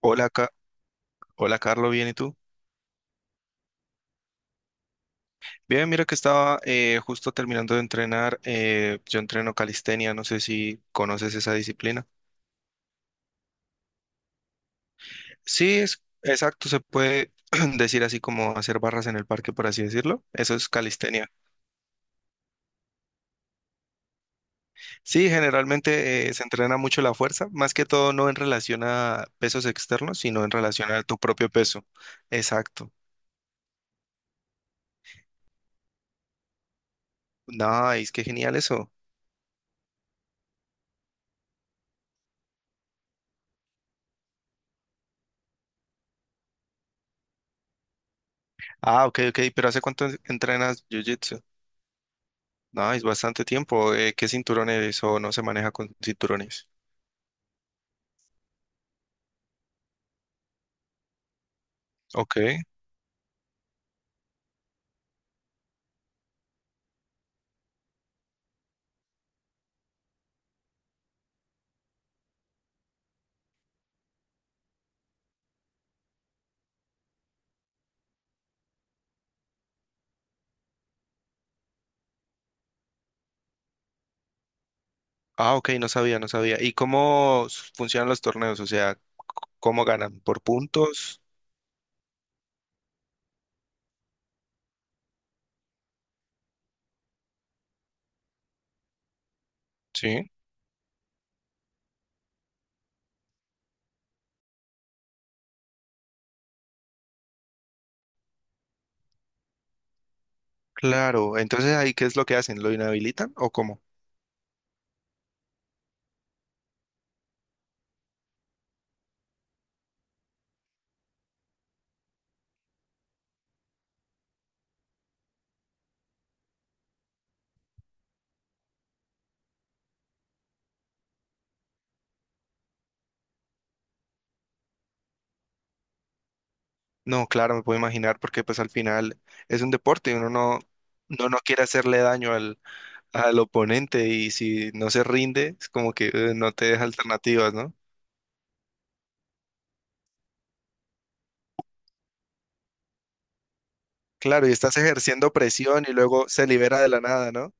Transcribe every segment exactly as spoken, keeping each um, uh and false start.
Hola, Ca- hola Carlos, ¿bien y tú? Bien, mira que estaba eh, justo terminando de entrenar. eh, yo entreno calistenia, no sé si conoces esa disciplina. Sí, es exacto, se puede decir así como hacer barras en el parque, por así decirlo. Eso es calistenia. Sí, generalmente eh, se entrena mucho la fuerza, más que todo no en relación a pesos externos, sino en relación a tu propio peso. Exacto. Nice, qué genial eso. Ah, ok, ok, pero ¿hace cuánto entrenas jiu-jitsu? Nice, bastante tiempo. Eh, ¿qué cinturones o no se maneja con cinturones? Ok. Ah, ok, no sabía, no sabía. ¿Y cómo s- funcionan los torneos? O sea, c- ¿cómo ganan? ¿Por puntos? Sí. Claro. Entonces ahí, ¿qué es lo que hacen? ¿Lo inhabilitan o cómo? No, claro, me puedo imaginar porque pues al final es un deporte y uno no, no, no quiere hacerle daño al, al oponente, y si no se rinde, es como que eh, no te deja alternativas, ¿no? Claro, y estás ejerciendo presión y luego se libera de la nada, ¿no?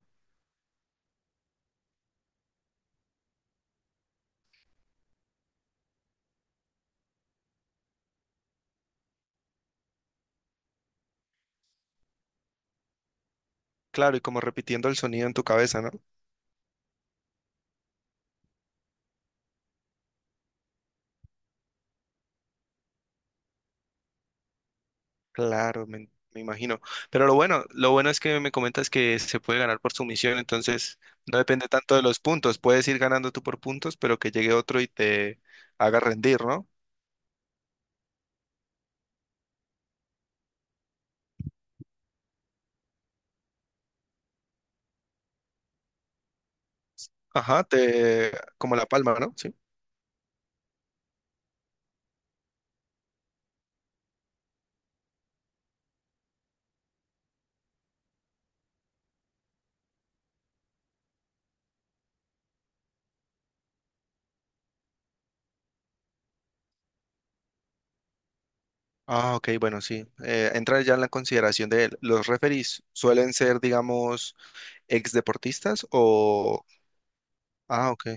Claro, y como repitiendo el sonido en tu cabeza, ¿no? Claro, me, me imagino. Pero lo bueno, lo bueno es que me comentas que se puede ganar por sumisión, entonces no depende tanto de los puntos. Puedes ir ganando tú por puntos, pero que llegue otro y te haga rendir, ¿no? Ajá, te como la palma, ¿no? Sí. Ah, ok, bueno, sí. Eh, entra ya en la consideración de los referees. ¿Suelen ser, digamos, ex deportistas o...? Ah, ok.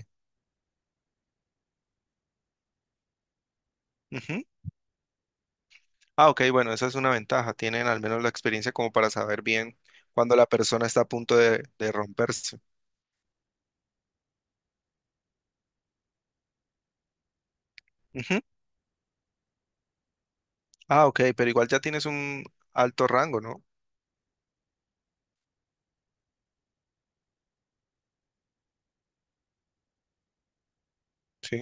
Ujú. Ah, ok, bueno, esa es una ventaja. Tienen al menos la experiencia como para saber bien cuando la persona está a punto de, de romperse. Ujú. Ah, ok, pero igual ya tienes un alto rango, ¿no? Sí.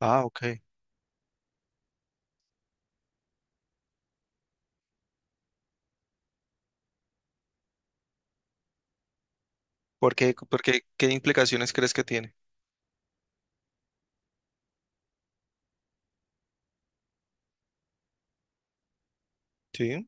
Ah, ok. ¿Por qué, por qué, qué implicaciones crees que tiene? Sí.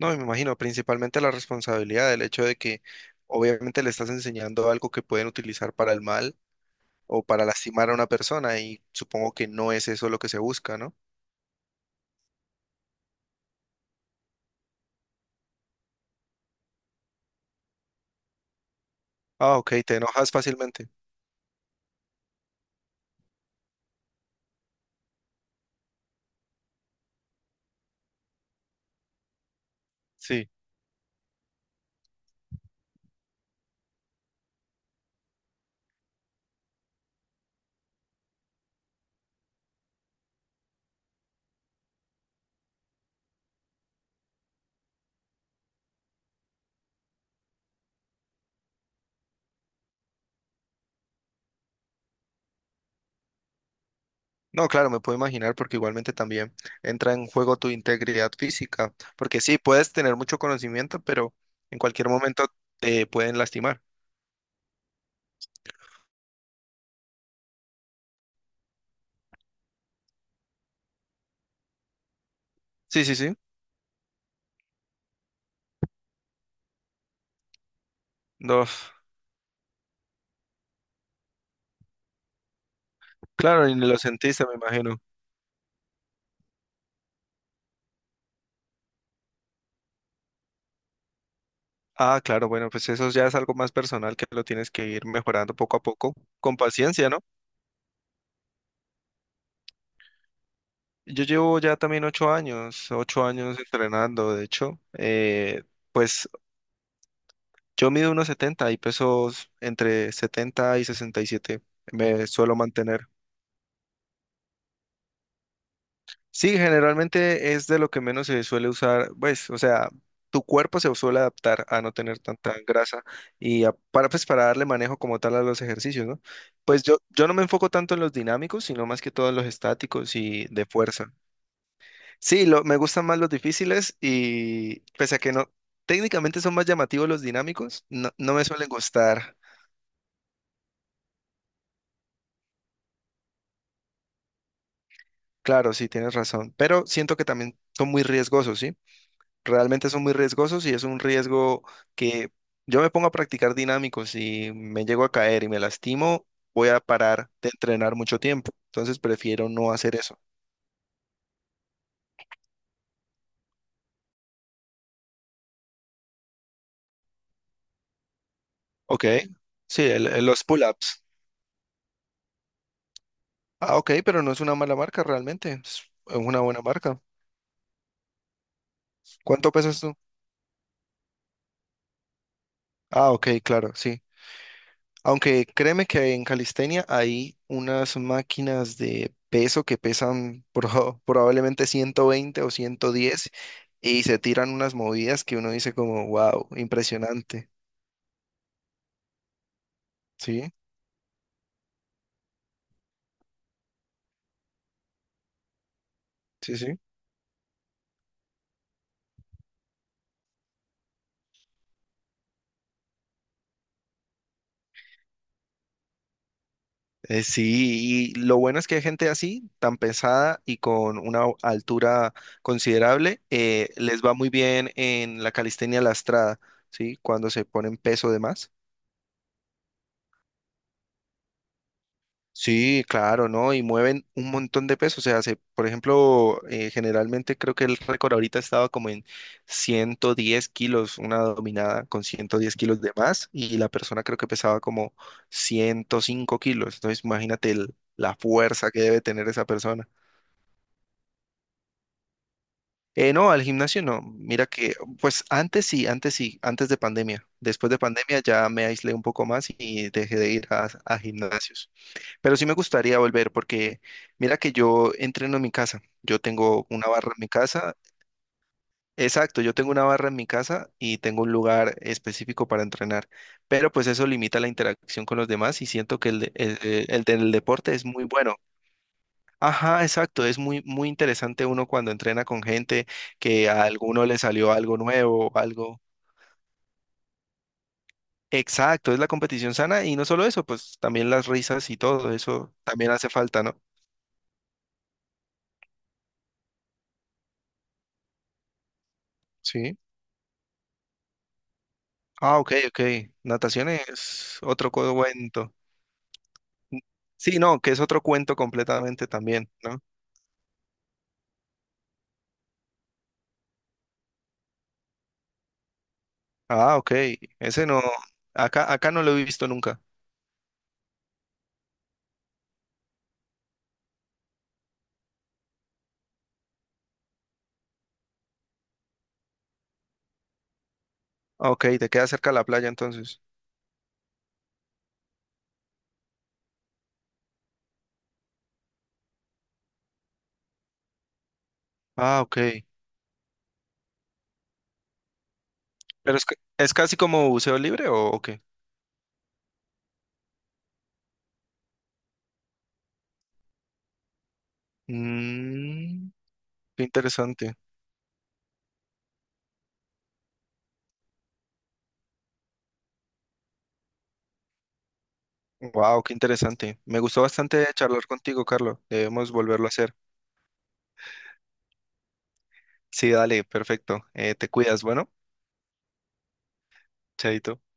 No, me imagino, principalmente la responsabilidad, el hecho de que obviamente le estás enseñando algo que pueden utilizar para el mal o para lastimar a una persona, y supongo que no es eso lo que se busca, ¿no? Ah, ok, te enojas fácilmente. Sí. No, claro, me puedo imaginar porque igualmente también entra en juego tu integridad física, porque sí, puedes tener mucho conocimiento, pero en cualquier momento te pueden lastimar. Sí, sí, sí. No, claro, y ni lo sentiste, me imagino. Ah, claro, bueno, pues eso ya es algo más personal que lo tienes que ir mejorando poco a poco, con paciencia, ¿no? Yo llevo ya también ocho años, ocho años entrenando, de hecho, eh, pues yo mido unos setenta y pesos entre setenta y sesenta y siete, me suelo mantener. Sí, generalmente es de lo que menos se suele usar, pues, o sea, tu cuerpo se suele adaptar a no tener tanta grasa y a- para, pues, para darle manejo como tal a los ejercicios, ¿no? Pues yo, yo no me enfoco tanto en los dinámicos, sino más que todo en los estáticos y de fuerza. Sí, lo, me gustan más los difíciles y pese a que no, técnicamente son más llamativos los dinámicos, no, no me suelen gustar. Claro, sí, tienes razón, pero siento que también son muy riesgosos, ¿sí? Realmente son muy riesgosos y es un riesgo que yo me pongo a practicar dinámicos y me llego a caer y me lastimo, voy a parar de entrenar mucho tiempo. Entonces prefiero no hacer eso. Ok, sí, el- el- los pull-ups. Ah, ok, pero no es una mala marca realmente, es una buena marca. ¿Cuánto pesas tú? Ah, ok, claro, sí. Aunque créeme que en calistenia hay unas máquinas de peso que pesan proba- probablemente ciento veinte o ciento diez, y se tiran unas movidas que uno dice como, wow, impresionante. Sí, sí, sí. Eh, sí, y lo bueno es que hay gente así, tan pesada y con una o- altura considerable, eh, les va muy bien en la calistenia lastrada, ¿sí? Cuando se ponen peso de más. Sí, claro, ¿no? Y mueven un montón de peso. O sea, se, por ejemplo, eh, generalmente creo que el récord ahorita estaba como en ciento diez kilos, una dominada con ciento diez kilos de más, y la persona creo que pesaba como ciento cinco kilos. Entonces, imagínate el- la fuerza que debe tener esa persona. Eh, no, al gimnasio no. Mira que, pues antes sí, antes sí, antes de pandemia. Después de pandemia ya me aislé un poco más y dejé de ir a, a gimnasios. Pero sí me gustaría volver porque mira que yo entreno en mi casa. Yo tengo una barra en mi casa. Exacto, yo tengo una barra en mi casa y tengo un lugar específico para entrenar. Pero pues eso limita la interacción con los demás y siento que el, de- el, eh, el del deporte es muy bueno. Ajá, exacto. Es muy, muy interesante uno cuando entrena con gente que a alguno le salió algo nuevo, algo. Exacto, es la competición sana, y no solo eso, pues también las risas y todo eso también hace falta, ¿no? Sí. Ah, ok, ok. Natación es otro cuento. Sí, no, que es otro cuento completamente también, ¿no? Ah, ok. Ese no, acá, acá no lo he visto nunca. Ah, ok, te queda cerca la playa entonces. Ah, ok. Pero es, ca- es casi como buceo libre o, o qué? Mmm, qué interesante. Wow, qué interesante. Me gustó bastante charlar contigo, Carlos. Debemos volverlo a hacer. Sí, dale, perfecto. Eh, te cuidas, bueno, chaito.